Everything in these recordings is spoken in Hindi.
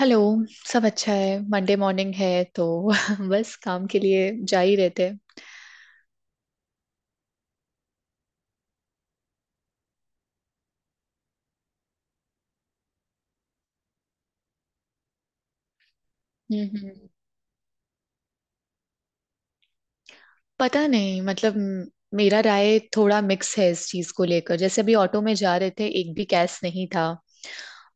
हेलो। सब अच्छा है। मंडे मॉर्निंग है तो बस काम के लिए जा ही रहते हैं। हम्म हम्म। पता नहीं मतलब मेरा राय थोड़ा मिक्स है इस चीज को लेकर। जैसे अभी ऑटो में जा रहे थे एक भी कैश नहीं था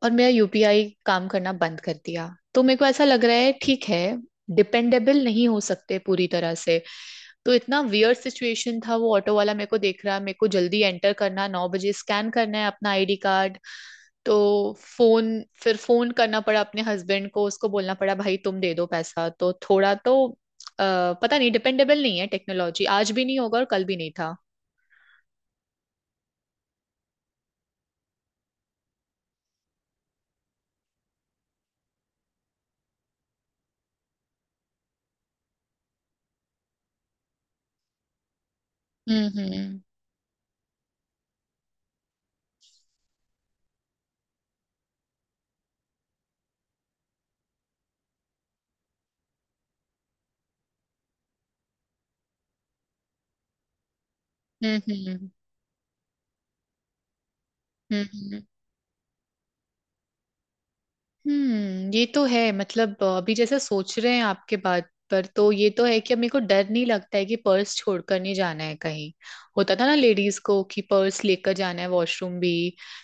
और मेरा यूपीआई काम करना बंद कर दिया। तो मेरे को ऐसा लग रहा है ठीक है डिपेंडेबल नहीं हो सकते पूरी तरह से। तो इतना वियर्ड सिचुएशन था। वो ऑटो वाला मेरे को देख रहा है मेरे को जल्दी एंटर करना 9 बजे स्कैन करना है अपना आईडी कार्ड। तो फोन फिर फोन करना पड़ा अपने हस्बैंड को, उसको बोलना पड़ा भाई तुम दे दो पैसा। तो थोड़ा तो पता नहीं डिपेंडेबल नहीं है टेक्नोलॉजी, आज भी नहीं होगा और कल भी नहीं था। हम्म हम्म हम्म हम्म हम्म, हम्म। ये तो है। मतलब अभी जैसे सोच रहे हैं आपके बात पर तो ये तो है कि अब मेरे को डर नहीं लगता है कि पर्स छोड़कर नहीं जाना है कहीं। होता था ना लेडीज को कि पर्स लेकर जाना है वॉशरूम भी,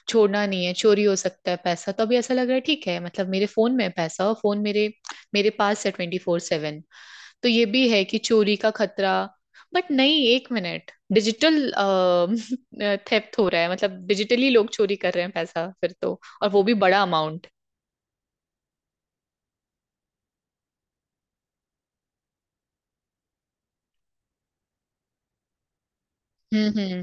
छोड़ना नहीं है चोरी हो सकता है पैसा। तो अभी ऐसा लग रहा है ठीक है मतलब मेरे फोन में है पैसा और फोन मेरे मेरे पास है 24/7। तो ये भी है कि चोरी का खतरा, बट नहीं एक मिनट डिजिटल थेफ्ट हो रहा है मतलब डिजिटली लोग चोरी कर रहे हैं पैसा फिर तो, और वो भी बड़ा अमाउंट। हम्म हम्म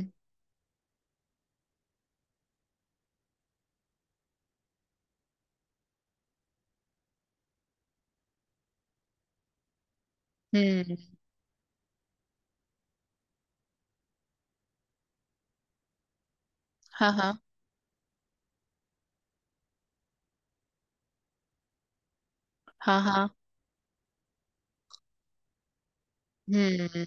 हम्म। हाँ हाँ। हाँ हाँ। हम्म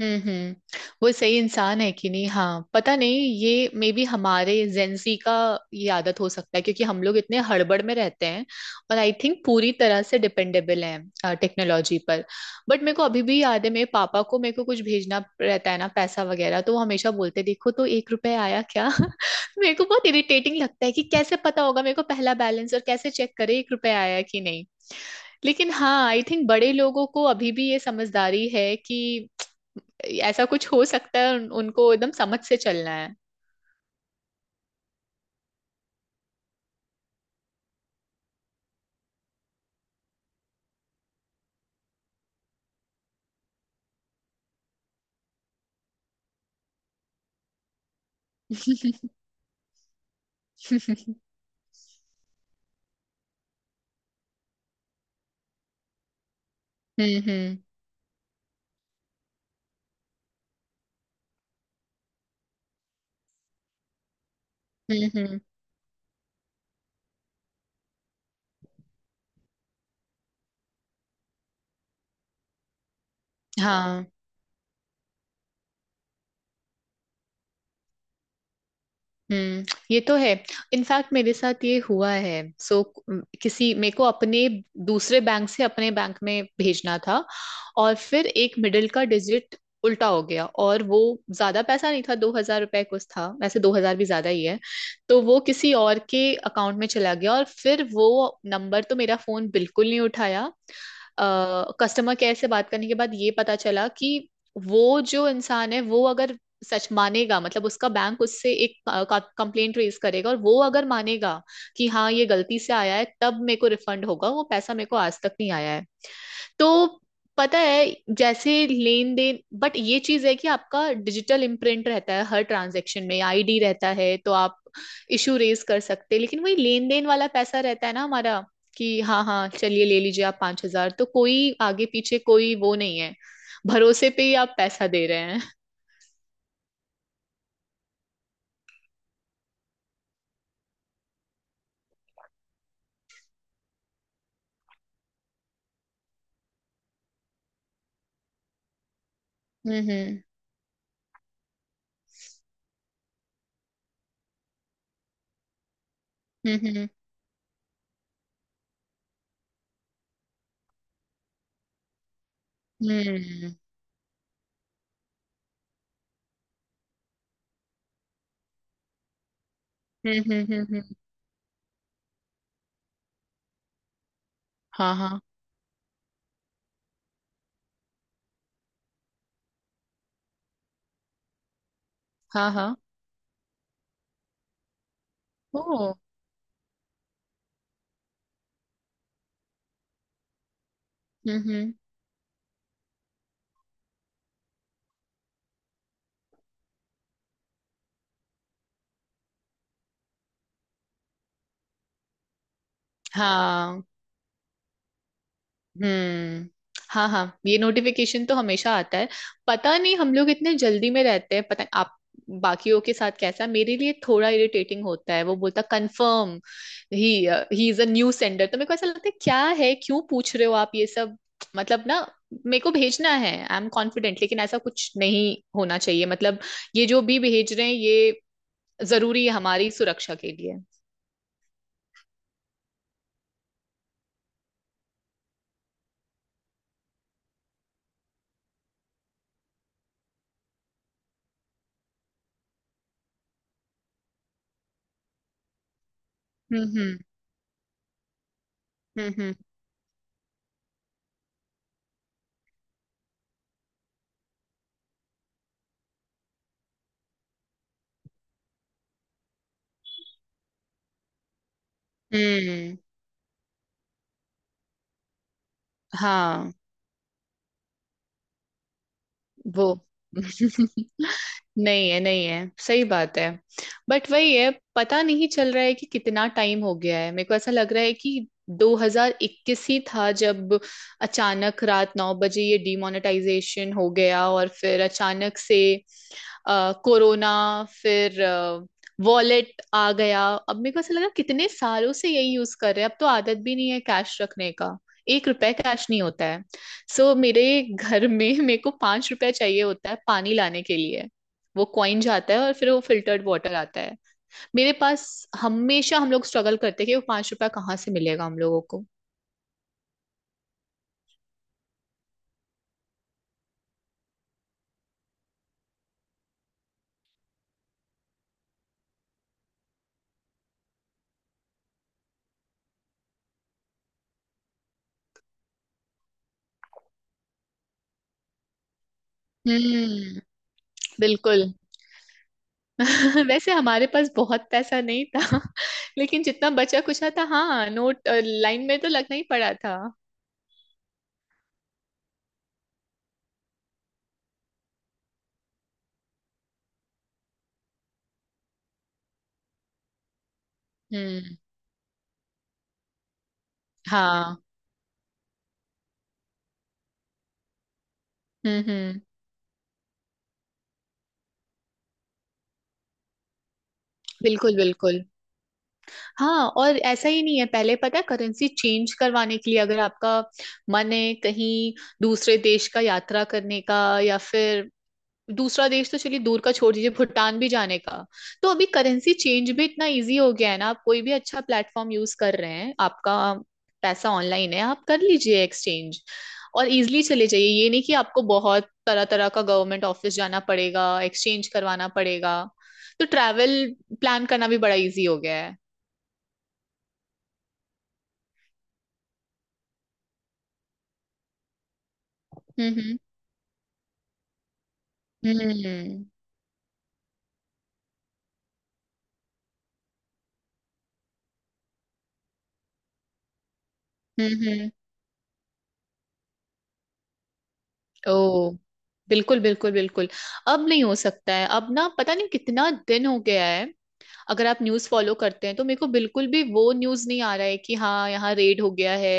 हम्म। वो सही इंसान है कि नहीं। हाँ पता नहीं ये मे बी हमारे जेंसी का ये आदत हो सकता है क्योंकि हम लोग इतने हड़बड़ में रहते हैं और आई थिंक पूरी तरह से डिपेंडेबल हैं टेक्नोलॉजी पर। बट मेरे को अभी भी याद है मेरे पापा को मेरे को कुछ भेजना रहता है ना पैसा वगैरह, तो वो हमेशा बोलते देखो तो 1 रुपया आया क्या। मेरे को बहुत इरिटेटिंग लगता है कि कैसे पता होगा मेरे को पहला बैलेंस और कैसे चेक करे 1 रुपया आया कि नहीं। लेकिन हाँ आई थिंक बड़े लोगों को अभी भी ये समझदारी है कि ऐसा कुछ हो सकता है, उनको एकदम समझ से चलना है। हम्म हम्म हम्म। हाँ। हम्म ये तो है। इनफैक्ट मेरे साथ ये हुआ है। सो किसी मेरे को अपने दूसरे बैंक से अपने बैंक में भेजना था और फिर एक मिडिल का डिजिट उल्टा हो गया, और वो ज्यादा पैसा नहीं था, 2,000 रुपए कुछ था। वैसे 2,000 भी ज्यादा ही है। तो वो किसी और के अकाउंट में चला गया और फिर वो नंबर तो मेरा फोन बिल्कुल नहीं उठाया। कस्टमर केयर से बात करने के बाद ये पता चला कि वो जो इंसान है वो अगर सच मानेगा मतलब उसका बैंक उससे एक कंप्लेंट रेज करेगा, और वो अगर मानेगा कि हाँ ये गलती से आया है तब मेरे को रिफंड होगा। वो पैसा मेरे को आज तक नहीं आया है। तो पता है जैसे लेन देन, बट ये चीज है कि आपका डिजिटल इम्प्रिंट रहता है, हर ट्रांजेक्शन में आईडी रहता है तो आप इशू रेज कर सकते हैं। लेकिन वही लेन देन वाला पैसा रहता है ना हमारा, कि हाँ हाँ चलिए ले लीजिए आप 5,000, तो कोई आगे पीछे कोई वो नहीं है, भरोसे पे ही आप पैसा दे रहे हैं। हम्म हम्म हम्म हम्म हम्म हम्म हम्म हम्म। हाँ हाँ। हाँ हाँ। ओ। हम्म। हाँ। हम्म। हाँ हाँ ये नोटिफिकेशन तो हमेशा आता है। पता नहीं हम लोग इतने जल्दी में रहते हैं, पता नहीं आप बाकियों के साथ कैसा। मेरे लिए थोड़ा इरिटेटिंग होता है, वो बोलता confirm he he is a new sender. तो मेरे को ऐसा लगता है क्या है क्यों पूछ रहे हो आप ये सब। मतलब ना, मेरे को भेजना है आई एम कॉन्फिडेंट। लेकिन ऐसा कुछ नहीं होना चाहिए मतलब ये जो भी भेज रहे हैं ये जरूरी है हमारी सुरक्षा के लिए। हम्म हम्म हम्म हम्म हम्म, हाँ। वो नहीं है, नहीं है, सही बात है। बट वही है, पता नहीं चल रहा है कि कितना टाइम हो गया है। मेरे को ऐसा लग रहा है कि 2021 ही था जब अचानक रात 9 बजे ये डिमोनेटाइजेशन हो गया, और फिर अचानक से कोरोना, फिर वॉलेट आ गया। अब मेरे को ऐसा लगा कितने सालों से यही यूज कर रहे हैं, अब तो आदत भी नहीं है कैश रखने का। 1 रुपए कैश नहीं होता है। मेरे घर में मेरे को 5 रुपए चाहिए होता है पानी लाने के लिए। वो कॉइन जाता है और फिर वो फिल्टर्ड वाटर आता है। मेरे पास हमेशा हम लोग स्ट्रगल करते हैं कि वो 5 रुपया कहाँ से मिलेगा हम लोगों को। हम्म। बिल्कुल। वैसे हमारे पास बहुत पैसा नहीं था। लेकिन जितना बचा कुचा था, हाँ नोट, लाइन में तो लगना ही पड़ा था। हम्म। हाँ। हम्म। बिल्कुल बिल्कुल। हाँ और ऐसा ही नहीं है, पहले पता है करेंसी चेंज करवाने के लिए अगर आपका मन है कहीं दूसरे देश का यात्रा करने का, या फिर दूसरा देश तो चलिए दूर का छोड़ दीजिए, भूटान भी जाने का। तो अभी करेंसी चेंज भी इतना इजी हो गया है ना, आप कोई भी अच्छा प्लेटफॉर्म यूज कर रहे हैं, आपका पैसा ऑनलाइन है आप कर लीजिए एक्सचेंज और इजिली चले जाइए। ये नहीं कि आपको बहुत तरह तरह का गवर्नमेंट ऑफिस जाना पड़ेगा एक्सचेंज करवाना पड़ेगा। तो ट्रैवल प्लान करना भी बड़ा इजी हो गया है। हम्म हम्म हम्म। ओ बिल्कुल बिल्कुल बिल्कुल। अब नहीं हो सकता है, अब ना पता नहीं कितना दिन हो गया है। अगर आप न्यूज़ फॉलो करते हैं तो मेरे को बिल्कुल भी वो न्यूज़ नहीं आ रहा है कि हाँ यहाँ रेड हो गया है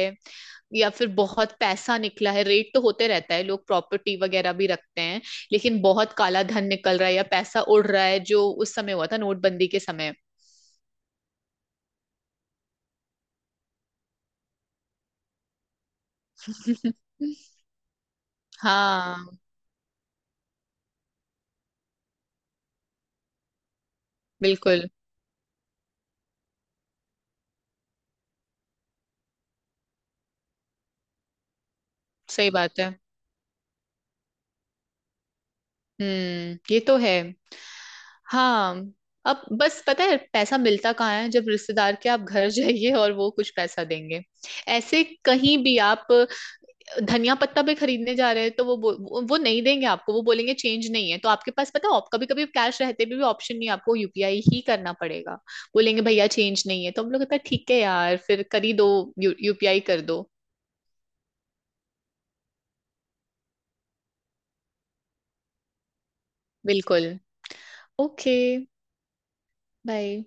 या फिर बहुत पैसा निकला है। रेड तो होते रहता है, लोग प्रॉपर्टी वगैरह भी रखते हैं, लेकिन बहुत काला धन निकल रहा है या पैसा उड़ रहा है जो उस समय हुआ था नोटबंदी के समय। हाँ बिल्कुल सही बात है। ये तो है। हाँ अब बस पता है पैसा मिलता कहाँ है, जब रिश्तेदार के आप घर जाइए और वो कुछ पैसा देंगे। ऐसे कहीं भी आप धनिया पत्ता भी खरीदने जा रहे हैं तो वो नहीं देंगे आपको, वो बोलेंगे चेंज नहीं है। तो आपके पास पता है कभी कभी कैश रहते भी ऑप्शन नहीं है, आपको यूपीआई ही करना पड़ेगा। बोलेंगे भैया चेंज नहीं है तो हम लोग कहते हैं, ठीक है यार फिर कर ही दो। यूपीआई कर दो। बिल्कुल। ओके। बाय।